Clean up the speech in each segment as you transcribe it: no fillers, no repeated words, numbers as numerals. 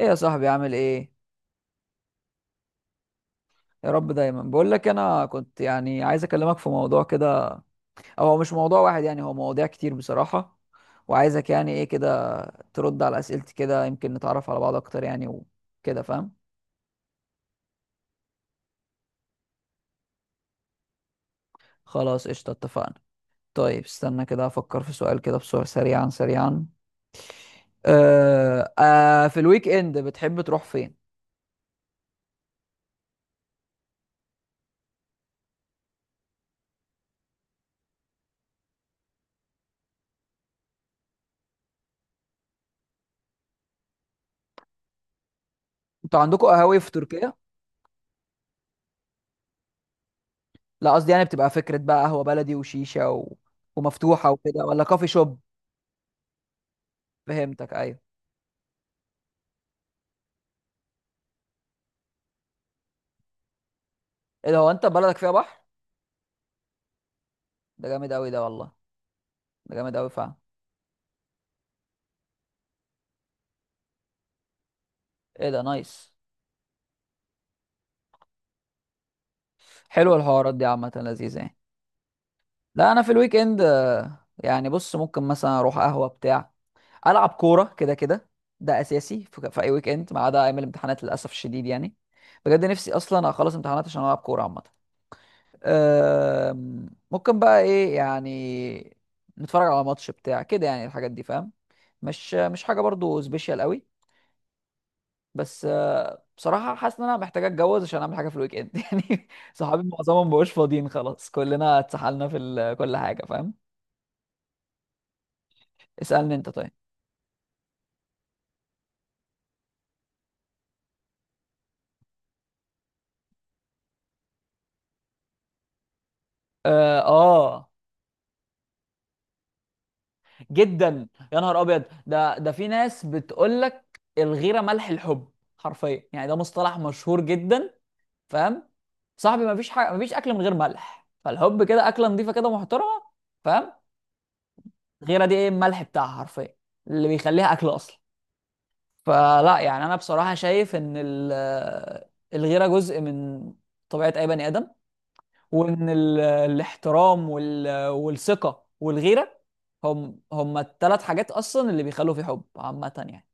ايه يا صاحبي عامل ايه؟ يا رب، دايما بقول لك انا كنت يعني عايز اكلمك في موضوع كده. أو هو مش موضوع واحد يعني، هو مواضيع كتير بصراحة. وعايزك يعني ايه كده، ترد على اسئلتي كده يمكن نتعرف على بعض اكتر يعني، وكده فاهم. خلاص قشطة، اتفقنا. طيب استنى كده افكر في سؤال كده بسرعة، سريعا سريعا. في الويك اند بتحب تروح فين؟ انتوا عندكم قهاوي في تركيا؟ لا، قصدي يعني بتبقى فكرة بقى قهوة بلدي وشيشة و... ومفتوحة وكده ولا كافي شوب؟ فهمتك، ايوه. ايه ده؟ هو انت بلدك فيها بحر؟ ده جامد قوي ده والله. ده جامد قوي فعلا. ايه ده؟ نايس. حلوه الحوارات دي عامه، لذيذه يعني. لا انا في الويك اند يعني بص ممكن مثلا اروح قهوه بتاع، العب كوره كده كده. ده اساسي في اي ويك اند ما عدا ايام الامتحانات للاسف الشديد يعني. بجد نفسي اصلا اخلص امتحانات عشان العب كوره عامه. ممكن بقى ايه يعني، نتفرج على ماتش بتاع كده يعني، الحاجات دي فاهم. مش حاجه برضو سبيشال قوي. بس بصراحة حاسس ان انا محتاج اتجوز عشان اعمل حاجة في الويك اند يعني. صحابي معظمهم مبقوش فاضيين خلاص، كلنا اتسحلنا في كل حاجة فاهم. اسألني انت طيب. اه جدا، يا نهار ابيض ده، في ناس بتقول لك الغيرة ملح الحب. حرفيا يعني، ده مصطلح مشهور جدا فاهم. صاحبي مفيش حاجة، مفيش اكل من غير ملح، فالحب كده اكلة نظيفة كده محترمة فاهم. الغيرة دي ايه الملح بتاعها حرفيا اللي بيخليها اكل اصلا. فلا يعني، انا بصراحه شايف ان الغيره جزء من طبيعه اي بني ادم. وان الاحترام والثقه والغيره هم هم ال3 حاجات اصلا اللي بيخلوا في حب عامه يعني.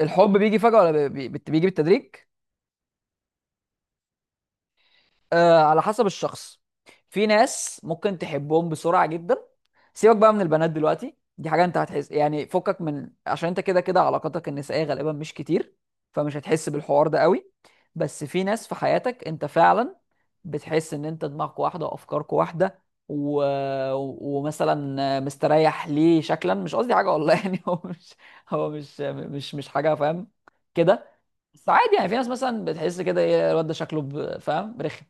الحب بيجي فجاه ولا بيجي بالتدريج؟ آه، على حسب الشخص. في ناس ممكن تحبهم بسرعة جدا. سيبك بقى من البنات دلوقتي، دي حاجة انت هتحس يعني، فكك من، عشان انت كده كده علاقاتك النسائية غالبا مش كتير، فمش هتحس بالحوار ده قوي. بس في ناس في حياتك انت فعلا بتحس ان انت دماغك واحدة وافكارك واحدة و... ومثلا مستريح ليه شكلا، مش قصدي حاجة والله يعني هو مش حاجة فاهم كده. بس عادي يعني، في ناس مثلا بتحس كده ايه الواد ده شكله فاهم رخم،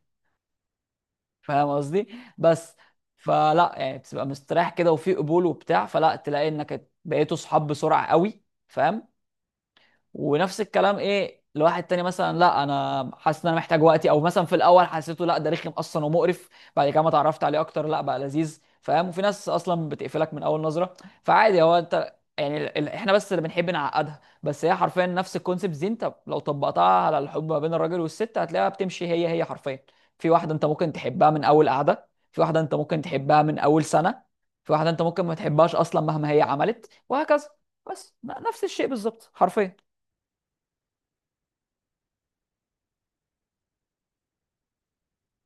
فاهم قصدي؟ بس، فلا يعني بتبقى مستريح كده وفي قبول وبتاع، فلا تلاقي انك بقيتوا صحاب بسرعه قوي فاهم. ونفس الكلام ايه لواحد تاني، مثلا لا انا حاسس ان انا محتاج وقتي، او مثلا في الاول حسيته لا ده رخم اصلا ومقرف، بعد كده ما اتعرفت عليه اكتر لا بقى لذيذ فاهم. وفي ناس اصلا بتقفلك من اول نظره. فعادي، هو انت يعني احنا بس اللي بنحب نعقدها، بس هي حرفيا نفس الكونسيبت دي، انت لو طبقتها على الحب ما بين الراجل والست هتلاقيها بتمشي هي هي حرفيا. في واحده انت ممكن تحبها من اول قعده، في واحده انت ممكن تحبها من اول سنه، في واحده انت ممكن ما تحبهاش اصلا مهما هي عملت وهكذا. بس نفس الشيء بالظبط حرفيا.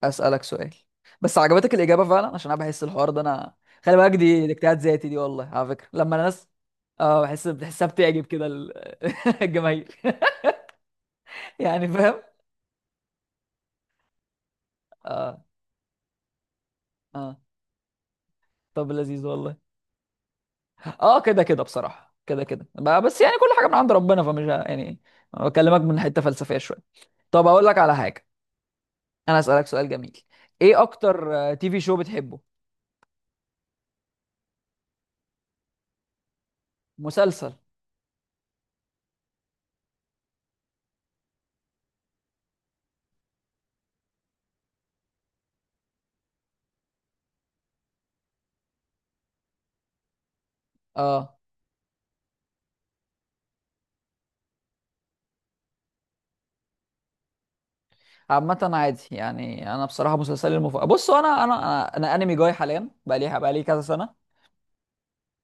اسالك سؤال، بس عجبتك الاجابه فعلا، عشان انا بحس الحوار ده انا، خلي بالك دي اجتهاد ذاتي دي والله، على فكره لما الناس، اه بحسها بتعجب كده الجماهير يعني فاهم. اه اه، طب لذيذ والله. اه كده كده بصراحه كده كده بس يعني كل حاجه من عند ربنا، يعني بكلمك من حته فلسفيه شويه. طب اقول لك على حاجه، انا اسالك سؤال جميل: ايه اكتر تي في شو بتحبه؟ مسلسل؟ اه عامة عادي يعني، انا بصراحة مسلسلي المفضل، بص هو أنا انمي جاي حاليا بقى لي كذا سنة.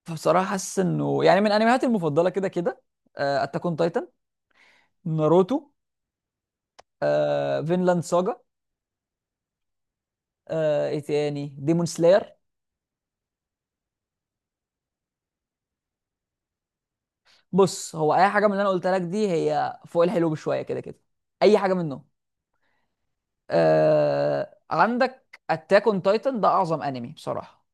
فبصراحة حاسس انه يعني من انمياتي المفضلة كده كده: اتاك اون تايتن، ناروتو، فينلاند ساجا، ايه تاني، ديمون سلاير. بص هو اي حاجة من اللي انا قلتها لك دي هي فوق الحلو بشوية كده كده، اي حاجة منهم. عندك اتاك اون تايتن ده اعظم انمي بصراحة.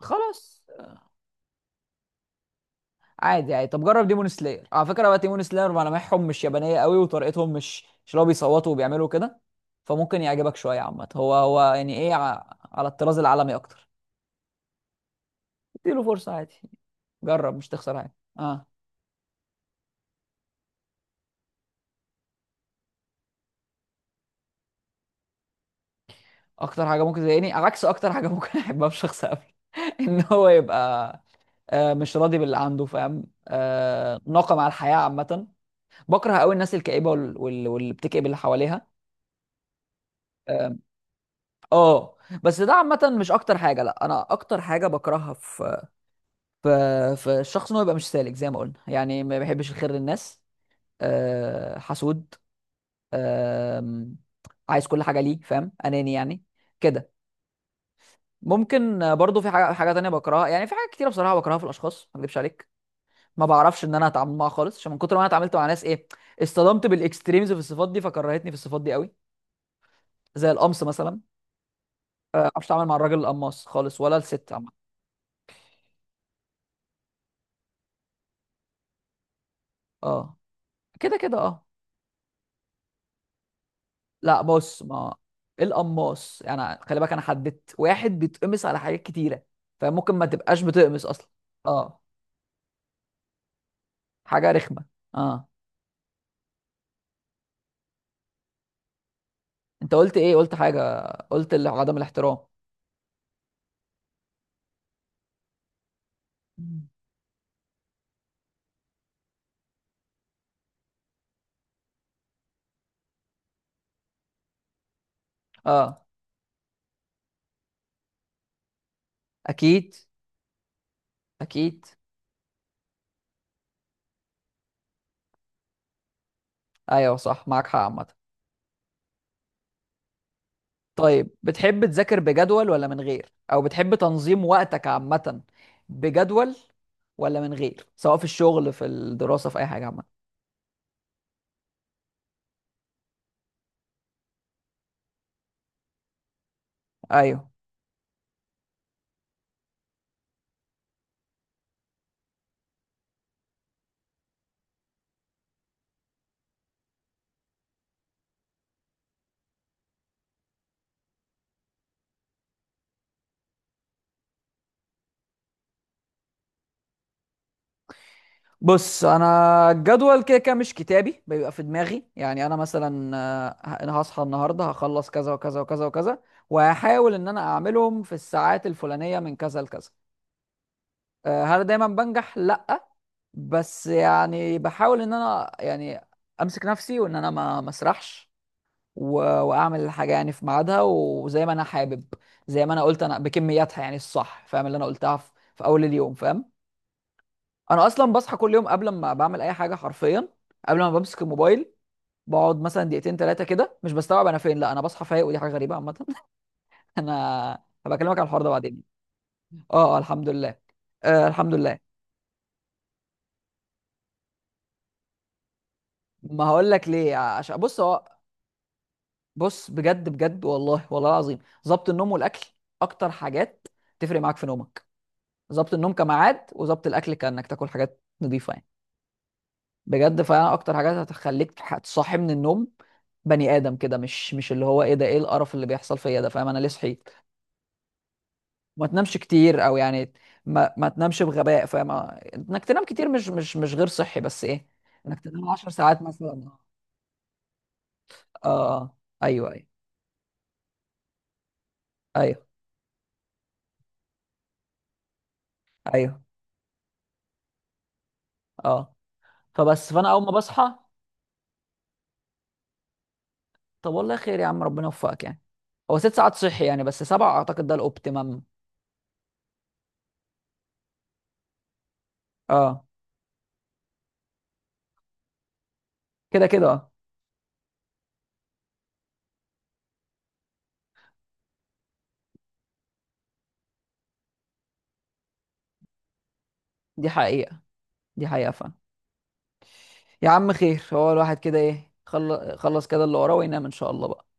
خلاص، عادي عادي، طب جرب ديمون سلاير على فكره، بقى ديمون سلاير ملامحهم مش يابانيه قوي وطريقتهم مش اللي هو بيصوتوا وبيعملوا كده، فممكن يعجبك شويه عامه، هو هو يعني ايه على الطراز العالمي اكتر. اديله فرصه عادي، جرب مش تخسر حاجه. اه، اكتر حاجه ممكن تضايقني عكس اكتر حاجه ممكن احبها في شخص قبل ان هو يبقى مش راضي باللي عنده فاهم، ناقم على الحياه عامه. بكره قوي الناس الكئيبه واللي بتكئب اللي حواليها. آه، اه. بس ده عامة مش أكتر حاجة، لأ، أنا أكتر حاجة بكرهها في، في في الشخص، إن هو يبقى مش سالك زي ما قلنا يعني، ما بيحبش الخير للناس. أه حسود، أه، عايز كل حاجة ليه فاهم، أناني يعني، كده. ممكن برضو في حاجة، تانية بكرهها يعني، في حاجات كتيرة بصراحة بكرهها في الأشخاص ما أكذبش عليك. ما بعرفش إن أنا أتعامل معاها خالص عشان من كتر ما أنا اتعاملت مع ناس إيه، اصطدمت بالإكستريمز في الصفات دي فكرهتني في الصفات دي قوي. زي القمص مثلا. ما بعرفش أتعامل مع الراجل القماص خالص ولا الست عامة. اه كده كده اه. لا بص، ما القماص يعني، خلي بالك انا حددت واحد بيتقمص على حاجات كتيره، فممكن ما تبقاش بتقمص اصلا. اه حاجه رخمه اه. انت قلت ايه؟ قلت حاجه، قلت اللي هو عدم الاحترام. مم. اه، اكيد اكيد. ايوه صح، معاك حق عامه. طيب بتحب تذاكر بجدول ولا من غير، او بتحب تنظيم وقتك عامه بجدول ولا من غير، سواء في الشغل، في الدراسه، في اي حاجه عامه؟ ايوه. بص انا الجدول كده كده مش كتابي، بيبقى في دماغي يعني. انا مثلا انا هصحى النهارده هخلص كذا وكذا وكذا وكذا، وهحاول ان انا اعملهم في الساعات الفلانيه من كذا لكذا. هل دايما بنجح؟ لا. بس يعني بحاول ان انا يعني امسك نفسي وان انا ما مسرحش و... واعمل الحاجه يعني في ميعادها وزي ما انا حابب، زي ما انا قلت انا بكمياتها يعني الصح، فاهم اللي انا قلتها في، في اول اليوم فاهم. انا اصلا بصحى كل يوم قبل ما بعمل اي حاجه حرفيا، قبل ما بمسك الموبايل، بقعد مثلا دقيقتين 3 كده مش بستوعب انا فين، لا انا بصحى فايق، ودي حاجه غريبه عامه. انا هبقى اكلمك عن الحوار ده بعدين. اه الحمد لله، الحمد لله. ما هقول لك ليه عشان بص، هو بص بجد بجد والله، والله العظيم، ظبط النوم والاكل اكتر حاجات تفرق معاك في نومك. ظبط النوم كميعاد، وظبط الاكل كانك تاكل حاجات نظيفه يعني. بجد فعلا اكتر حاجات هتخليك هتصحي من النوم بني ادم كده، مش اللي هو ايه ده، ايه القرف اللي بيحصل فيا ده فاهم، انا ليه صحيت. ما تنامش كتير او يعني، ما تنامش بغباء فاهم، انك تنام كتير مش غير صحي بس ايه، انك تنام 10 ساعات مثلا. اه آه، ايوه ايوه ايوه ايوه اه. فبس، فانا اول ما بصحى، طب والله خير يا عم، ربنا يوفقك يعني. هو 6 ساعات صحي يعني، بس 7 اعتقد ده الاوبتيمم. اه كده كده دي حقيقة، دي حقيقة فعلا. يا عم خير، هو الواحد كده ايه خلص كده اللي وراه وينام ان شاء الله بقى.